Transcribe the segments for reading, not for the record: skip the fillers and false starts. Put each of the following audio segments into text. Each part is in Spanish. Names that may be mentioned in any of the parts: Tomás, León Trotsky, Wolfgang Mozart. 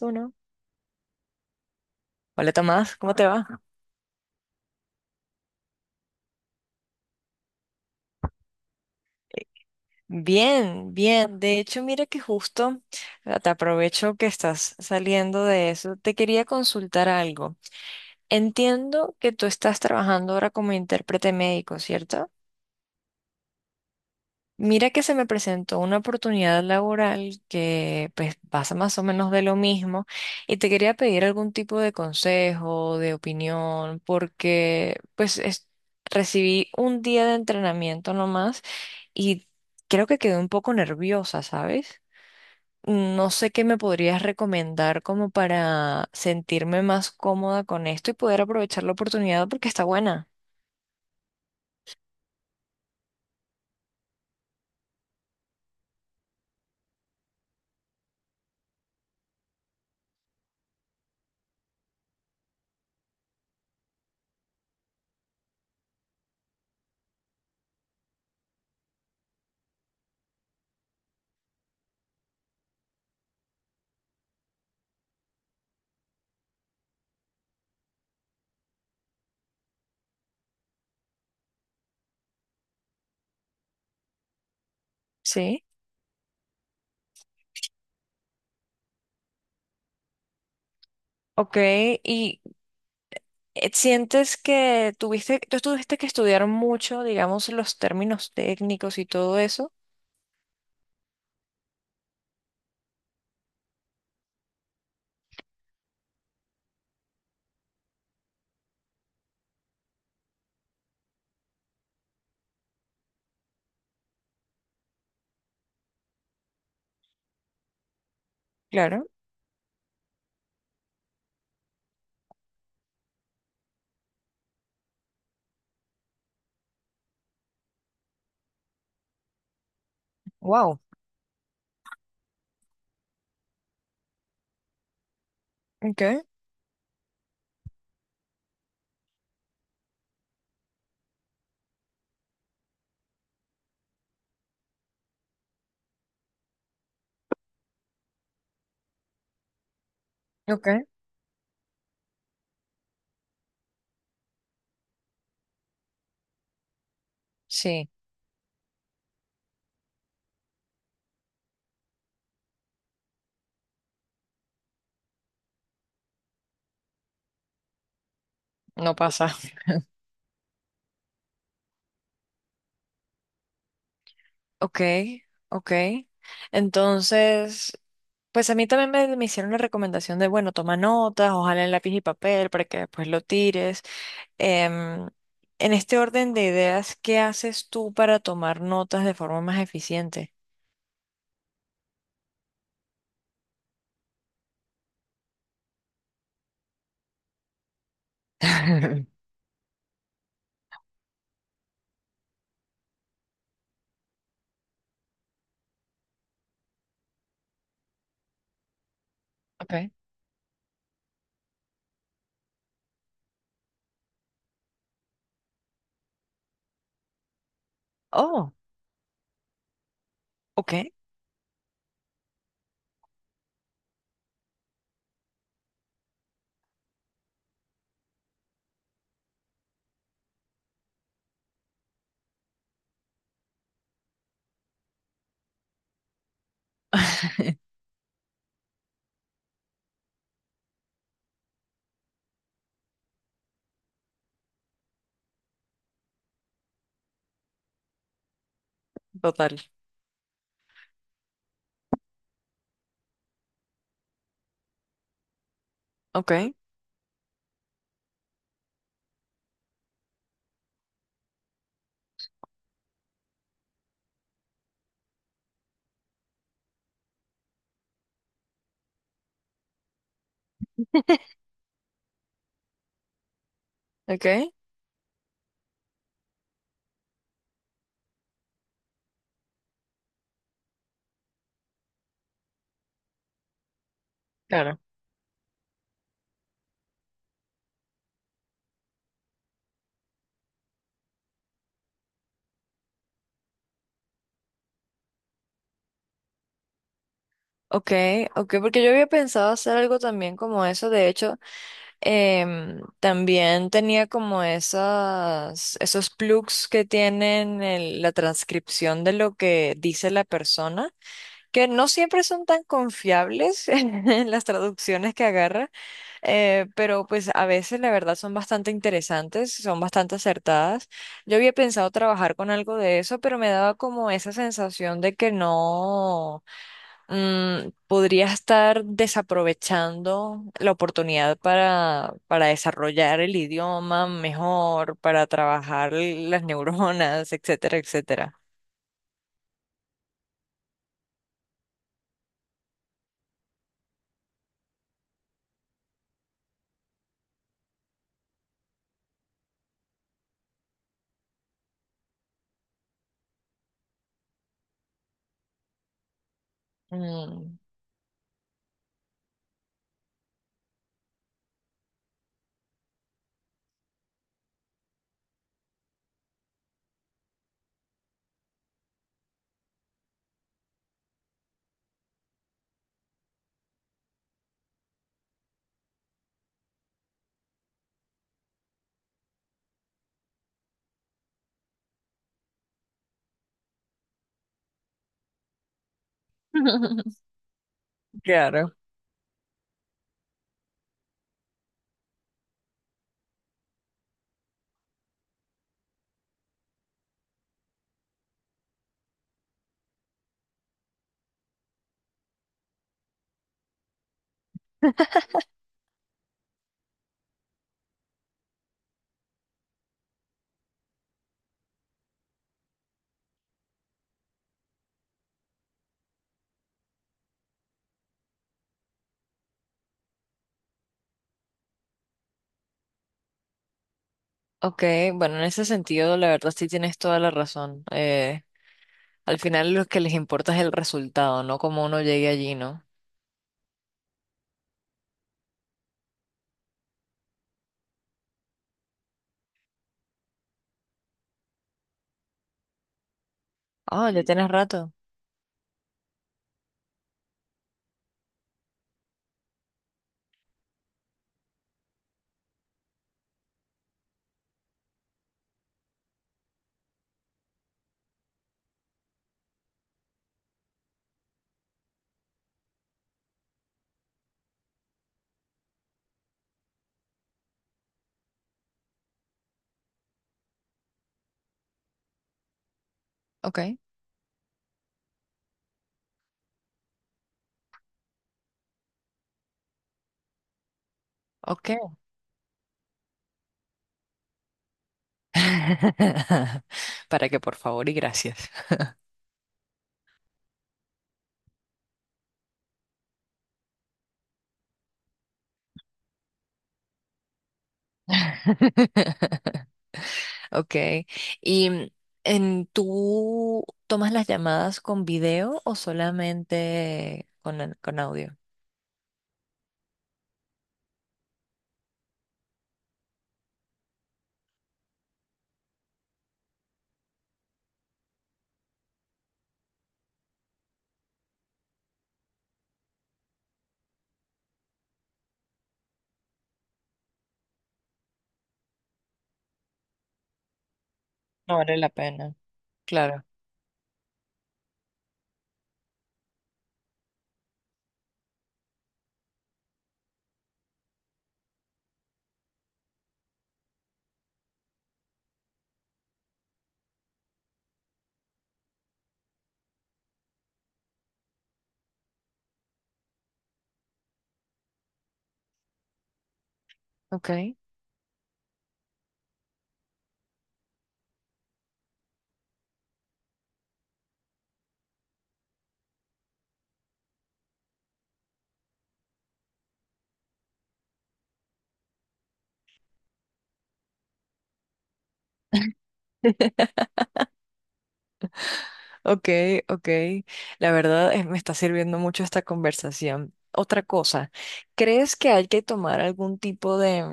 Uno. Hola Tomás, ¿cómo te va? Bien, bien. De hecho, mira que justo te aprovecho que estás saliendo de eso. Te quería consultar algo. Entiendo que tú estás trabajando ahora como intérprete médico, ¿cierto? Mira que se me presentó una oportunidad laboral que pues pasa más o menos de lo mismo y te quería pedir algún tipo de consejo, de opinión, porque pues recibí un día de entrenamiento nomás y creo que quedé un poco nerviosa, ¿sabes? No sé qué me podrías recomendar como para sentirme más cómoda con esto y poder aprovechar la oportunidad porque está buena, ¿sí? Ok, y ¿Sientes que tú tuviste que estudiar mucho, digamos, los términos técnicos y todo eso? Claro. Wow. Okay, okay. Sí, no pasa. Ok, ok. Entonces, pues a mí también me hicieron la recomendación de, bueno, toma notas, ojalá en lápiz y papel para que después lo tires. Em, en este orden de ideas, ¿qué haces tú para tomar notas de forma más eficiente? Okay. Oh, ok, total. Ok. Ok. Claro. Ok, ok, porque yo había pensado hacer algo también como eso. De hecho, también tenía como esos plugs que tienen la transcripción de lo que dice la persona, que no siempre son tan confiables en las traducciones que agarra, pero pues a veces la verdad son bastante interesantes, son bastante acertadas. Yo había pensado trabajar con algo de eso, pero me daba como esa sensación de que no. Podría estar desaprovechando la oportunidad para desarrollar el idioma mejor, para trabajar las neuronas, etcétera, etcétera. Mm. Claro. Ok, bueno, en ese sentido, la verdad sí tienes toda la razón. Al final lo que les importa es el resultado, no cómo uno llegue allí, ¿no? Ah, ya tienes rato. Ok, ok. Para que por favor y gracias. Ok. ¿Y tú tomas las llamadas con video o solamente con, audio? No vale la pena. Claro. Ok. Ok, ok. La verdad me está sirviendo mucho esta conversación. Otra cosa, ¿crees que hay que tomar algún tipo de,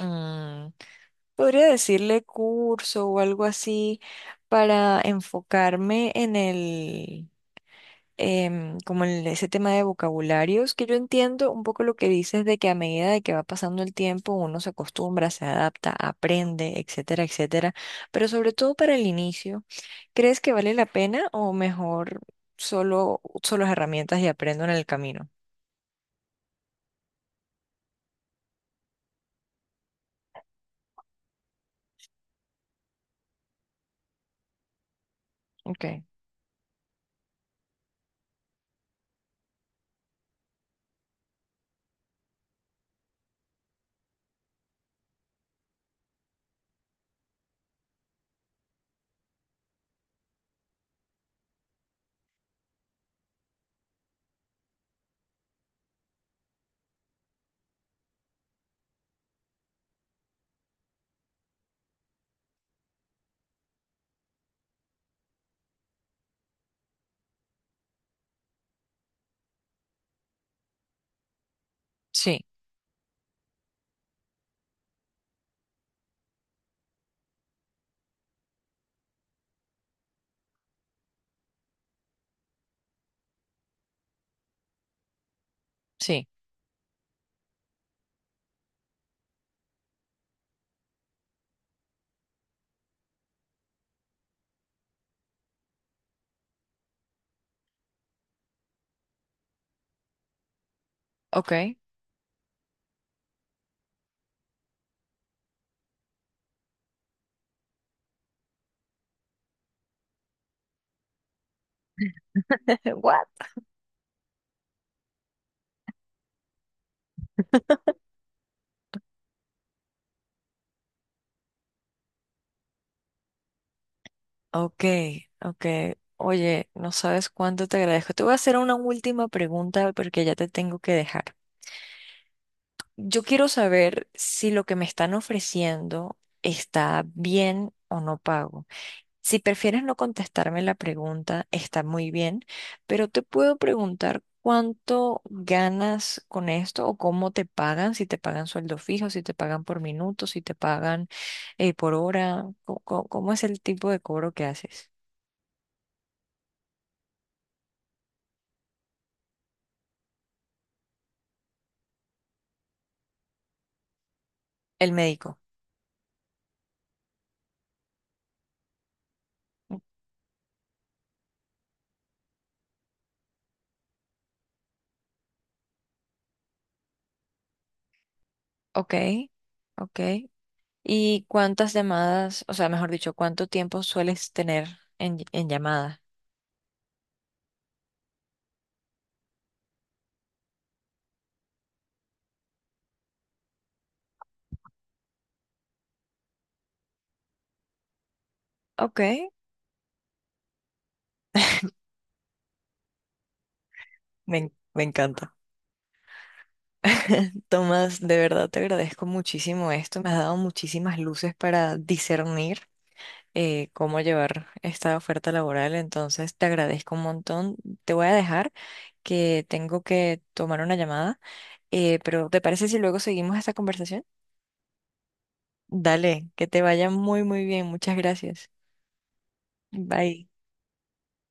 mm, podría decirle curso o algo así para enfocarme en el em, como el- ese tema de vocabularios, que yo entiendo un poco lo que dices de que a medida de que va pasando el tiempo uno se acostumbra, se adapta, aprende, etcétera, etcétera, pero sobre todo para el inicio, ¿crees que vale la pena o mejor solo uso las herramientas y aprendo en el camino? Okay, sí, sí, okay. What? Ok, ok. Oye, no sabes cuánto te agradezco. Te voy a hacer una última pregunta porque ya te tengo que dejar. Yo quiero saber si lo que me están ofreciendo está bien o no pago. Si prefieres no contestarme la pregunta, está muy bien, pero te puedo preguntar cuánto ganas con esto o cómo te pagan, si te pagan sueldo fijo, si te pagan por minuto, si te pagan por hora, ¿cómo, es el tipo de cobro que haces? El médico. Ok, ok, ¿Y cuántas llamadas, o sea, mejor dicho, cuánto tiempo sueles tener en llamada? Ok, me encanta. Tomás, de verdad te agradezco muchísimo esto. Me has dado muchísimas luces para discernir cómo llevar esta oferta laboral. Entonces, te agradezco un montón. Te voy a dejar que tengo que tomar una llamada, pero ¿te parece si luego seguimos esta conversación? Dale, que te vaya muy, muy bien. Muchas gracias. Bye.